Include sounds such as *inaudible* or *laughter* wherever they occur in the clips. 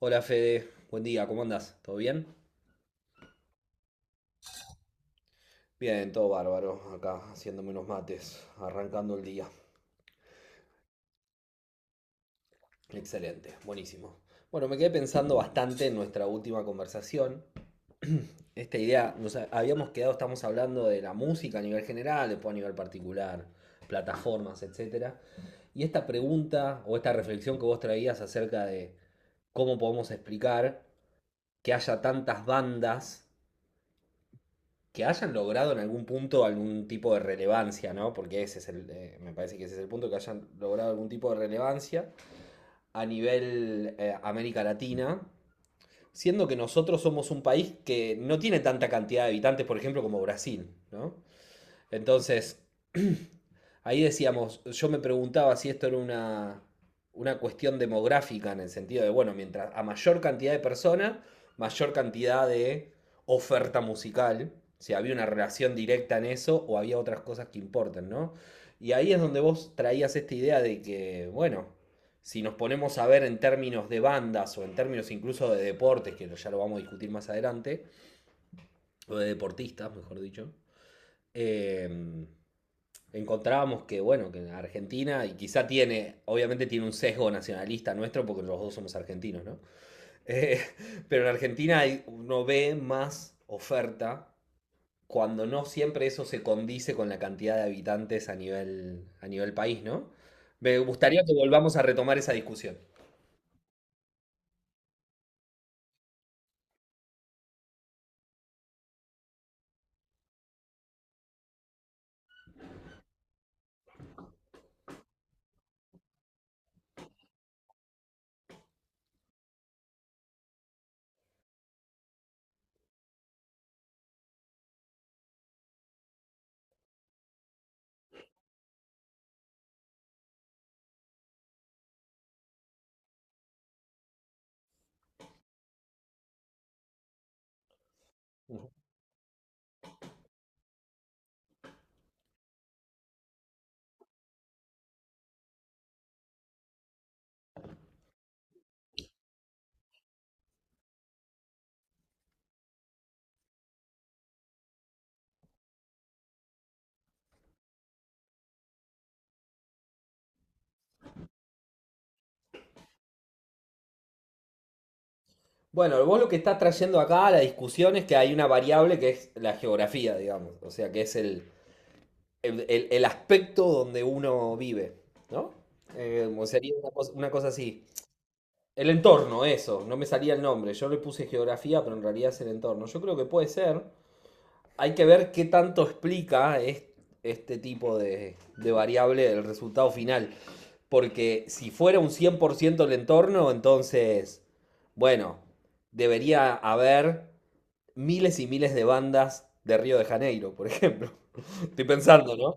Hola Fede, buen día, ¿cómo andás? ¿Todo bien? Bien, todo bárbaro, acá haciéndome unos mates, arrancando el día. Excelente, buenísimo. Bueno, me quedé pensando bastante en nuestra última conversación. Esta idea, nos habíamos quedado, estamos hablando de la música a nivel general, después a nivel particular, plataformas, etcétera. Y esta pregunta o esta reflexión que vos traías acerca de cómo podemos explicar que haya tantas bandas que hayan logrado en algún punto algún tipo de relevancia, ¿no? Porque me parece que ese es el punto, que hayan logrado algún tipo de relevancia a nivel América Latina, siendo que nosotros somos un país que no tiene tanta cantidad de habitantes, por ejemplo, como Brasil, ¿no? Entonces, ahí decíamos, yo me preguntaba si esto era una cuestión demográfica en el sentido de, bueno, mientras a mayor cantidad de personas, mayor cantidad de oferta musical, si había una relación directa en eso o había otras cosas que importan, ¿no? Y ahí es donde vos traías esta idea de que, bueno, si nos ponemos a ver en términos de bandas o en términos incluso de deportes, que ya lo vamos a discutir más adelante, o de deportistas, mejor dicho, eh, encontrábamos que, bueno, que Argentina, y quizá tiene, obviamente tiene un sesgo nacionalista nuestro, porque los dos somos argentinos, ¿no? *laughs* Eh, pero en Argentina uno ve más oferta cuando no siempre eso se condice con la cantidad de habitantes a nivel país, ¿no? Me gustaría que volvamos a retomar esa discusión. Ujú. Bueno, vos lo que estás trayendo acá a la discusión es que hay una variable que es la geografía, digamos, o sea, que es el aspecto donde uno vive, ¿no? Como sería una cosa así. El entorno, eso, no me salía el nombre. Yo le puse geografía, pero en realidad es el entorno. Yo creo que puede ser. Hay que ver qué tanto explica este tipo de variable el resultado final. Porque si fuera un 100% el entorno, entonces, bueno, debería haber miles y miles de bandas de Río de Janeiro, por ejemplo. *laughs* Estoy pensando, ¿no?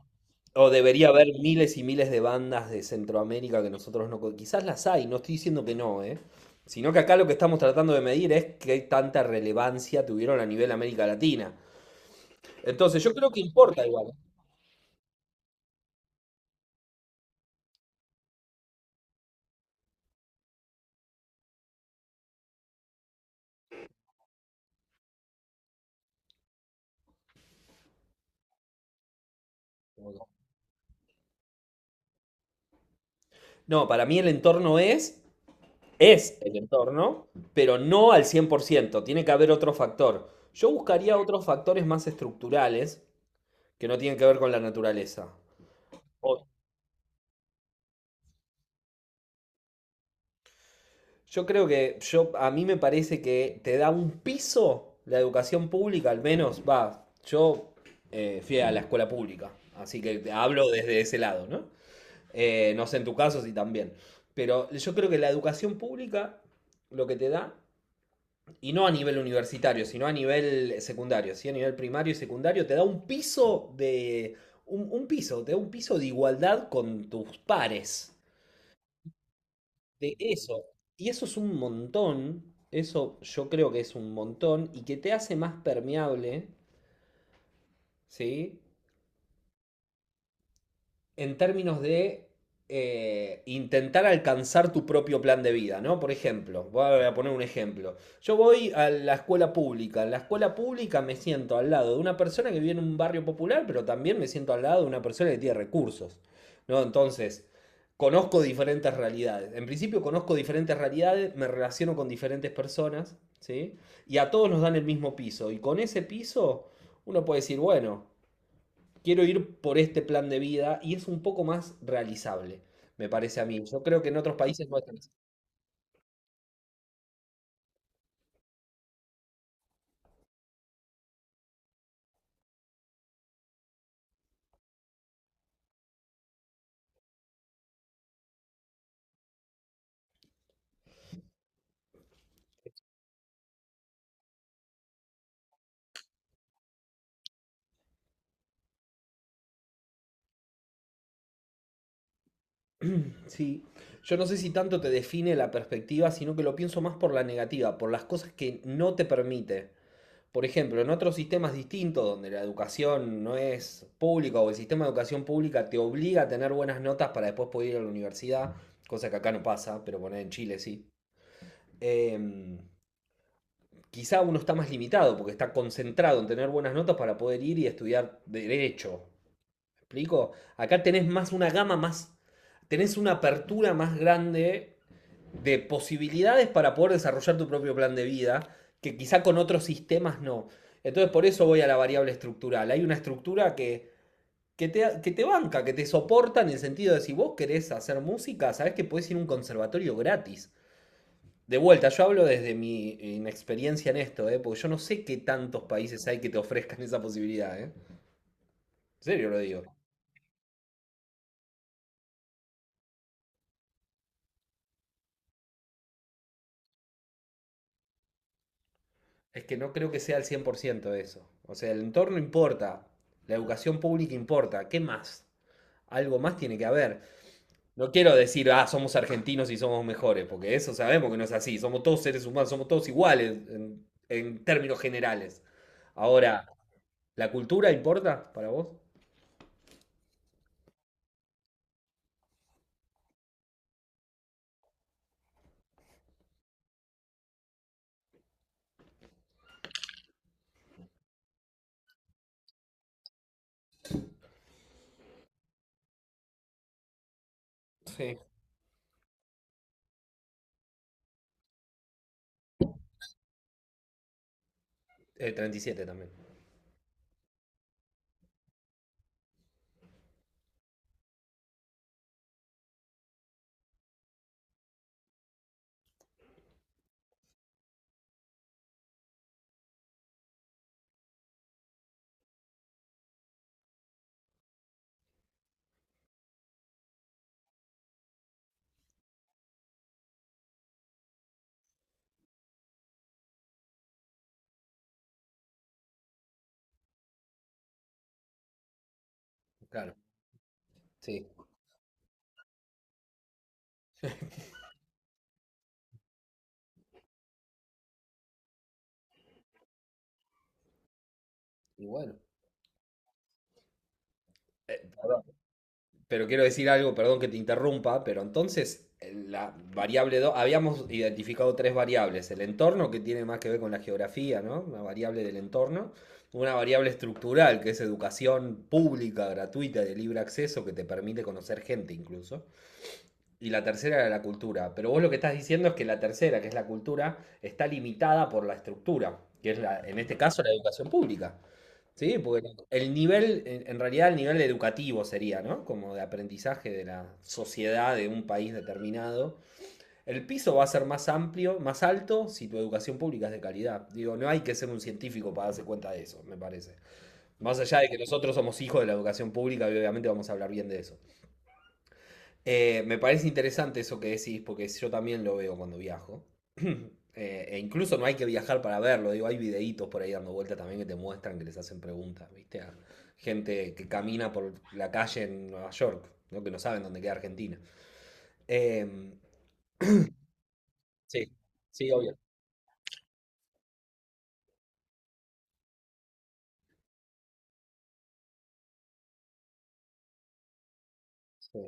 O debería haber miles y miles de bandas de Centroamérica que nosotros no. Quizás las hay, no estoy diciendo que no, ¿eh? Sino que acá lo que estamos tratando de medir es qué tanta relevancia tuvieron a nivel América Latina. Entonces yo creo que importa igual. No, para mí el entorno es el entorno, pero no al 100%. Tiene que haber otro factor. Yo buscaría otros factores más estructurales que no tienen que ver con la naturaleza. O- Yo creo que a mí me parece que te da un piso la educación pública, al menos, va, yo fui a la escuela pública, así que te hablo desde ese lado, ¿no? No sé en tu caso si también, pero yo creo que la educación pública lo que te da, y no a nivel universitario, sino a nivel secundario, sí, a nivel primario y secundario, te da un piso de, un piso, te da un piso de igualdad con tus pares. De eso. Y eso es un montón, eso yo creo que es un montón y que te hace más permeable, ¿sí? En términos de intentar alcanzar tu propio plan de vida, ¿no? Por ejemplo, voy a poner un ejemplo. Yo voy a la escuela pública. En la escuela pública me siento al lado de una persona que vive en un barrio popular, pero también me siento al lado de una persona que tiene recursos, ¿no? Entonces, conozco diferentes realidades. En principio conozco diferentes realidades, me relaciono con diferentes personas, ¿sí? Y a todos nos dan el mismo piso. Y con ese piso uno puede decir, bueno, quiero ir por este plan de vida y es un poco más realizable, me parece a mí. Yo creo que en otros países no es tan así. Sí, yo no sé si tanto te define la perspectiva, sino que lo pienso más por la negativa, por las cosas que no te permite. Por ejemplo, en otros sistemas distintos, donde la educación no es pública o el sistema de educación pública te obliga a tener buenas notas para después poder ir a la universidad, cosa que acá no pasa, pero bueno en Chile sí. Em, Quizá uno está más limitado porque está concentrado en tener buenas notas para poder ir y estudiar derecho. ¿Me explico? Acá tenés más una gama más, tenés una apertura más grande de posibilidades para poder desarrollar tu propio plan de vida, que quizá con otros sistemas no. Entonces por eso voy a la variable estructural. Hay una estructura que te banca, que te soporta en el sentido de si vos querés hacer música, sabés que podés ir a un conservatorio gratis. De vuelta, yo hablo desde mi inexperiencia en esto, ¿eh? Porque yo no sé qué tantos países hay que te ofrezcan esa posibilidad. ¿Eh? En serio lo digo. Es que no creo que sea el 100% eso. O sea, el entorno importa, la educación pública importa, ¿qué más? Algo más tiene que haber. No quiero decir, ah, somos argentinos y somos mejores, porque eso sabemos que no es así. Somos todos seres humanos, somos todos iguales en términos generales. Ahora, ¿la cultura importa para vos? Sí. 37 también, claro. Sí, y bueno. Perdón, pero quiero decir algo, perdón que te interrumpa, pero entonces la variable 2 habíamos identificado tres variables, el entorno que tiene más que ver con la geografía, ¿no? Una variable del entorno, una variable estructural que es educación pública, gratuita, de libre acceso, que te permite conocer gente incluso, y la tercera era la cultura, pero vos lo que estás diciendo es que la tercera, que es la cultura, está limitada por la estructura, que es en este caso la educación pública. Sí, porque el nivel, en realidad el nivel educativo sería, ¿no? Como de aprendizaje de la sociedad de un país determinado. El piso va a ser más amplio, más alto, si tu educación pública es de calidad. Digo, no hay que ser un científico para darse cuenta de eso, me parece. Más allá de que nosotros somos hijos de la educación pública y obviamente vamos a hablar bien de eso. Me parece interesante eso que decís, porque yo también lo veo cuando viajo. *clears throat* E incluso no hay que viajar para verlo, digo, hay videitos por ahí dando vueltas también que te muestran, que les hacen preguntas, ¿viste? A gente que camina por la calle en Nueva York, ¿no? Que no saben dónde queda Argentina. Em, sí, sí, obvio. Sí,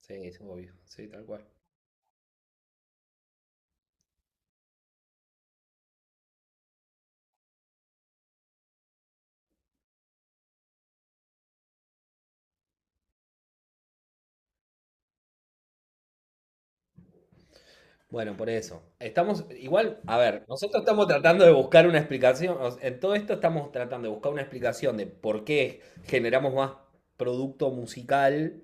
sí, es obvio, sí, tal cual. Bueno, por eso. Estamos, igual, a ver, nosotros estamos tratando de buscar una explicación, o sea, en todo esto estamos tratando de buscar una explicación de por qué generamos más producto musical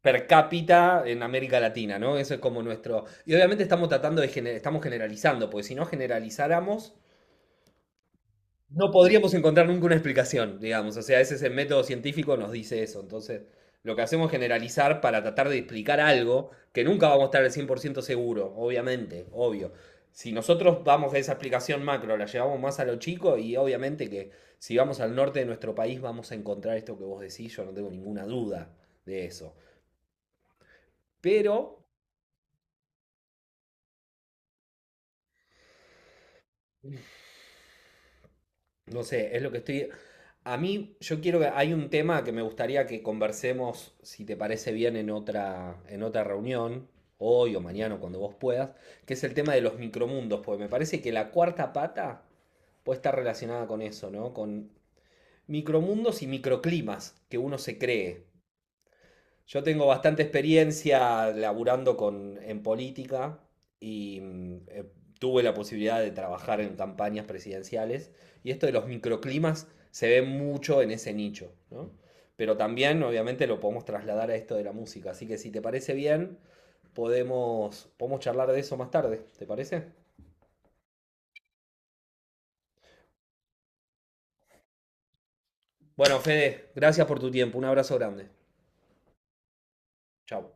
per cápita en América Latina, ¿no? Eso es como nuestro. Y obviamente estamos generalizando, porque si no generalizáramos, no podríamos encontrar nunca una explicación, digamos. O sea, ese es el método científico, nos dice eso. Entonces, lo que hacemos es generalizar para tratar de explicar algo que nunca vamos a estar al 100% seguro, obviamente, obvio. Si nosotros vamos a esa explicación macro, la llevamos más a lo chico y obviamente que si vamos al norte de nuestro país vamos a encontrar esto que vos decís, yo no tengo ninguna duda de eso. Pero no sé, es lo que estoy. A mí, yo quiero que. Hay un tema que me gustaría que conversemos, si te parece bien, en otra reunión, hoy o mañana, o cuando vos puedas, que es el tema de los micromundos, porque me parece que la cuarta pata puede estar relacionada con eso, ¿no? Con micromundos y microclimas que uno se cree. Yo tengo bastante experiencia laburando en política y tuve la posibilidad de trabajar en campañas presidenciales y esto de los microclimas se ve mucho en ese nicho, ¿no? Pero también obviamente lo podemos trasladar a esto de la música, así que si te parece bien, podemos charlar de eso más tarde, ¿te parece? Bueno, Fede, gracias por tu tiempo, un abrazo grande, chao.